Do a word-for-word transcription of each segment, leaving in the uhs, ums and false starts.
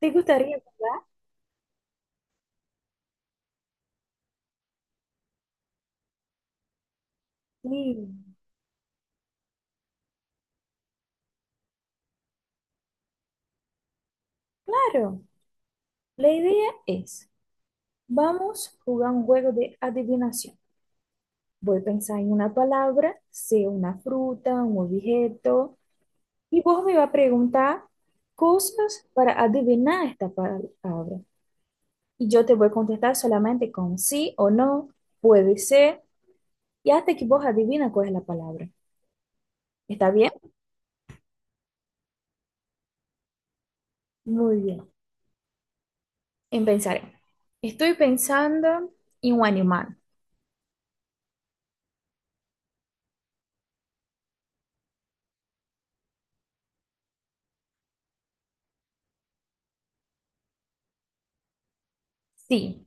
¿Te gustaría jugar? Sí, claro. La idea es, vamos a jugar un juego de adivinación. Voy a pensar en una palabra, sea una fruta, un objeto, y vos me vas a preguntar cosas para adivinar esta palabra. Y yo te voy a contestar solamente con sí o no, puede ser, y hasta que vos adivina cuál es la palabra. ¿Está bien? Muy bien. Empezaré. Estoy pensando en un animal. Sí.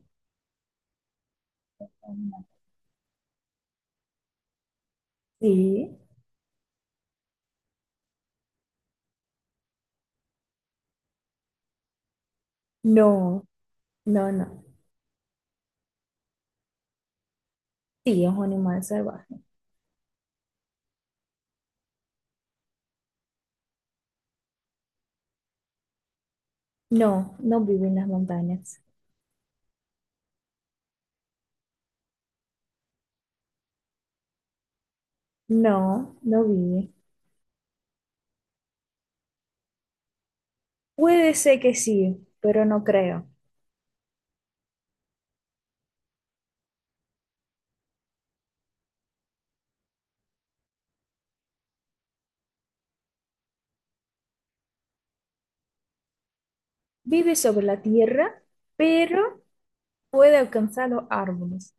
Sí. No, no, no. Sí, es un animal salvaje. No, no vive en las montañas. No, no vive. Puede ser que sí, pero no creo. Vive sobre la tierra, pero puede alcanzar los árboles.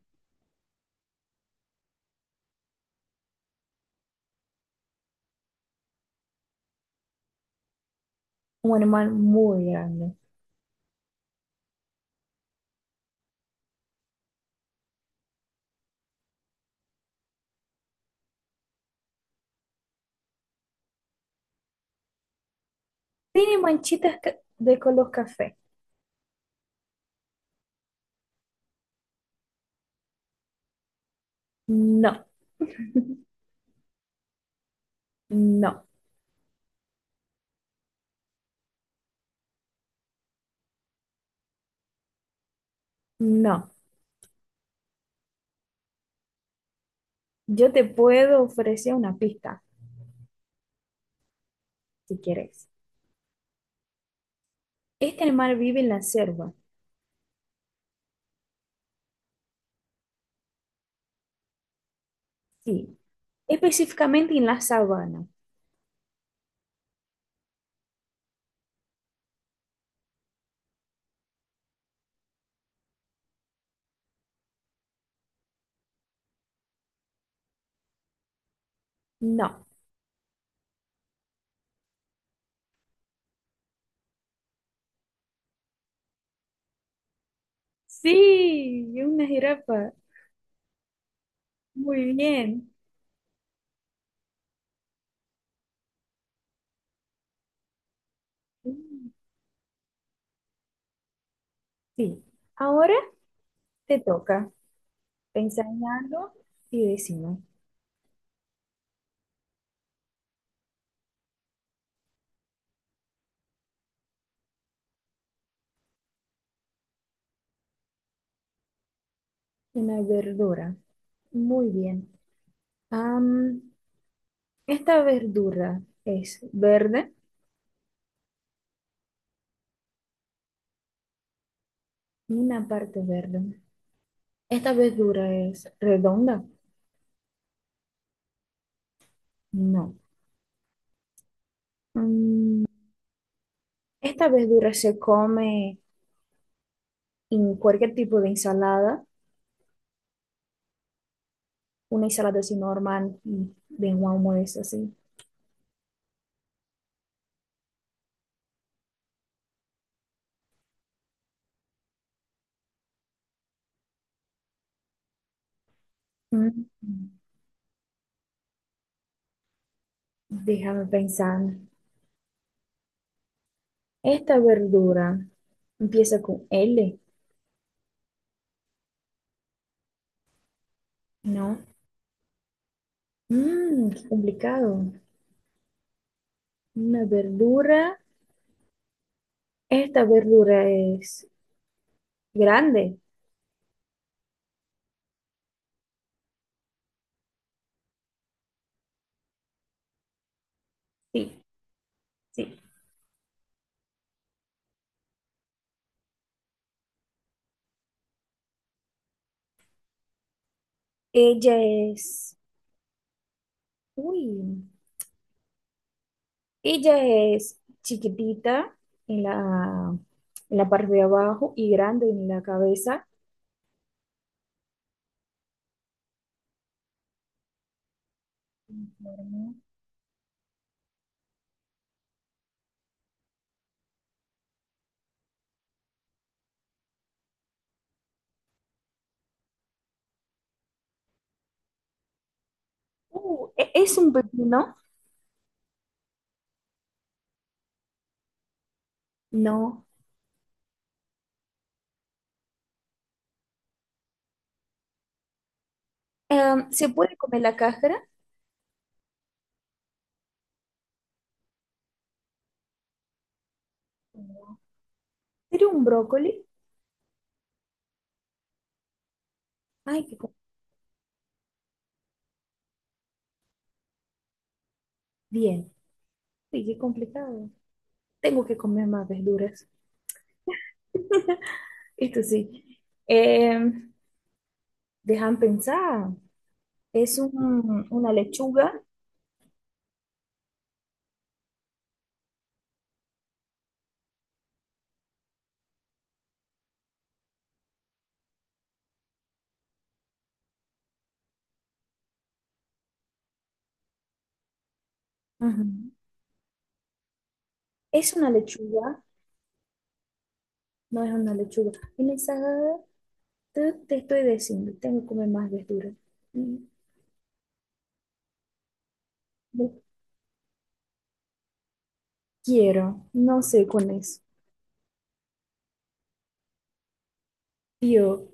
Un animal muy grande. ¿Tiene manchitas ca- de color café? No, no, no. Yo te puedo ofrecer una pista, si quieres. Este animal vive en la selva, sí. Específicamente en la sabana. No. Sí, y una jirafa. Muy bien. Mm, Sí. Ahora te toca pensar en algo y decimos una verdura. Muy bien. Am, esta verdura es verde, una parte verde. ¿Esta verdura es redonda? No. Mm, esta verdura se come en cualquier tipo de ensalada, una ensalada así normal, de un almuerzo así. Mm. Déjame pensar. Esta verdura empieza con L, ¿no? Mmm, qué complicado. Una verdura. Esta verdura es grande. Sí, sí. Ella es. Uy. Ella es chiquitita en la, en la parte de abajo y grande en la cabeza. Ujú. Uh, ¿e- ¿es un pepino? No. Em, ¿se puede comer la cáscara? No. ¿Sería un brócoli? Ay, qué. Bien, sí, qué complicado. Tengo que comer más verduras. Esto sí. Eh, dejan pensar. Es un- una lechuga. Ujú. Es una lechuga. No es una lechuga. Una ensalada. Te, te estoy diciendo, tengo que comer más verduras. Mm, no quiero. No sé con eso. Yo,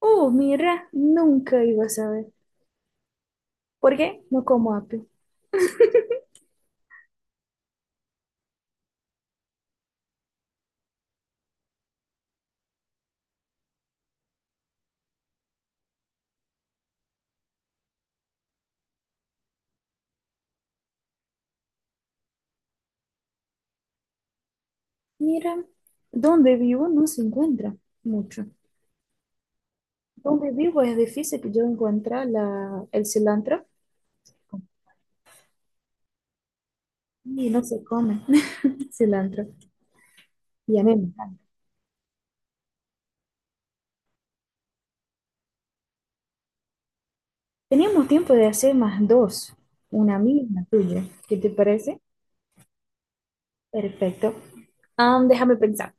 oh, mira, nunca iba a saber. ¿Por qué? No como apio. Mira, donde vivo no se encuentra mucho. Donde vivo es difícil que yo encuentre la, el cilantro y no se come cilantro. Y a mí me encanta. Teníamos tiempo de hacer más dos, una mía y una tuya. ¿Qué te parece? Perfecto. Am, déjame pensar.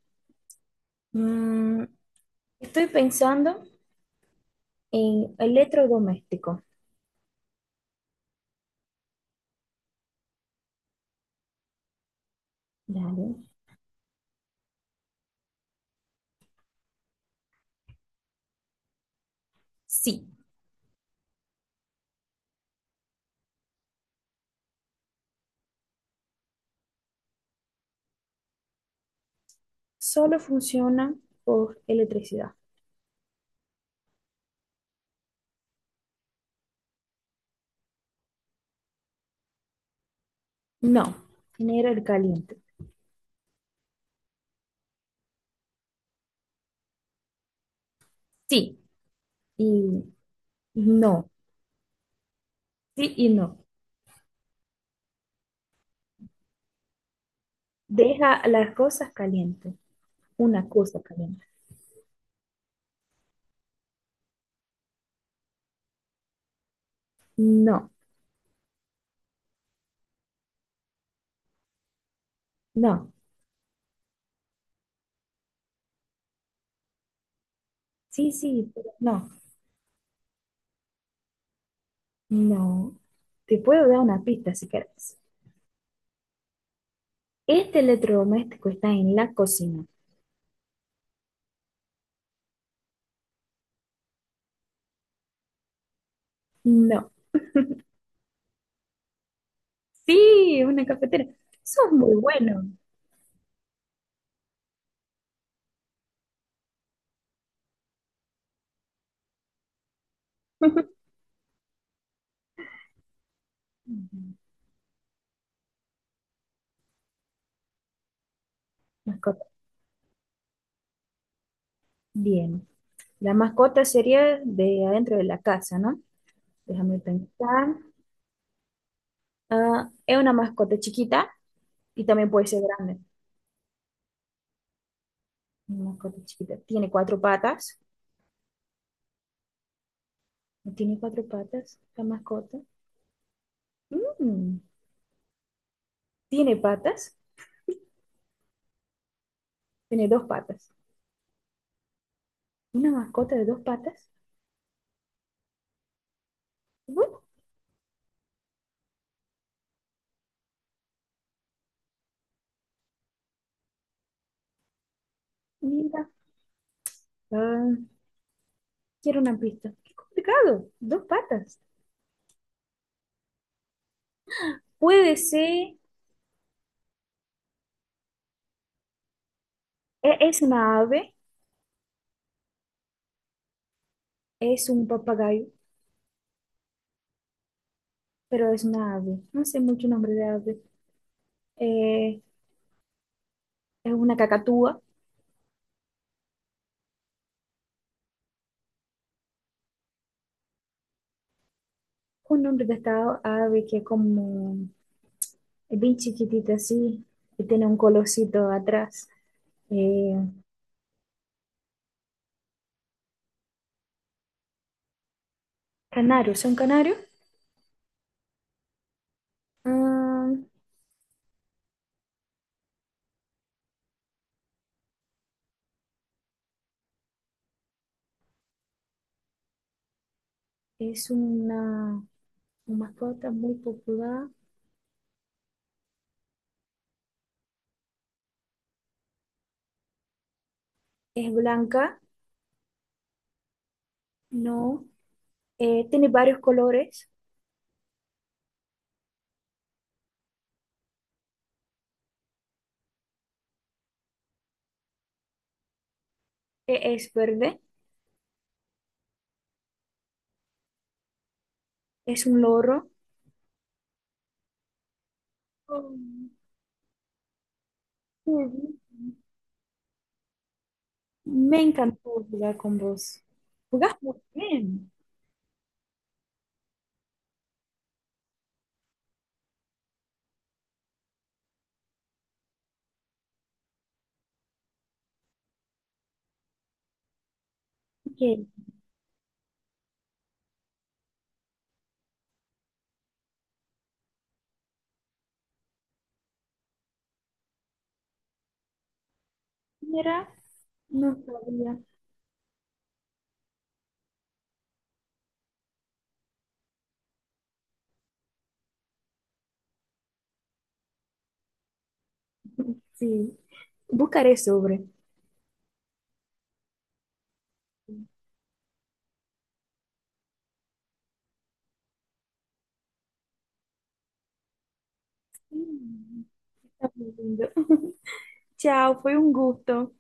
Mm, estoy pensando en electrodoméstico. Dale. Sí, solo funciona por electricidad. No, genera el caliente. Sí, y no. Sí y no. Deja las cosas calientes. Una cosa caliente. No, no. Sí, sí, pero no, no. Te puedo dar una pista si querés. Este electrodoméstico está en la cocina. No. Sí, una cafetera. Sos muy bueno. Mascota. Bien. La mascota sería de adentro de la casa, ¿no? Déjame pensar. Ah, es una mascota chiquita y también puede ser grande. Una mascota chiquita. Tiene cuatro patas. No tiene cuatro patas, la mascota. Mm, tiene patas, tiene dos patas. Una mascota de dos patas. Bueno, mira, ah, quiero una pista. Qué complicado, dos patas. Puede ser, e- es una ave, es un papagayo, pero es una ave. No sé mucho nombre de ave. Eh, es una cacatúa. Un nombre de esta ave que es como es bien chiquitita así y tiene un colorcito atrás. Eh, Canario, ¿es un canario? Ah, es una, una mascota muy popular. Es blanca, no. Eh, tiene varios colores. Eh, es verde, es un loro. Oh, qué bien. Me encantó jugar con vos. Jugás muy bien. Ok, Mira, no sabía. Sí, buscaré sobre. Mm, está muy lindo. Chao, fue un gusto.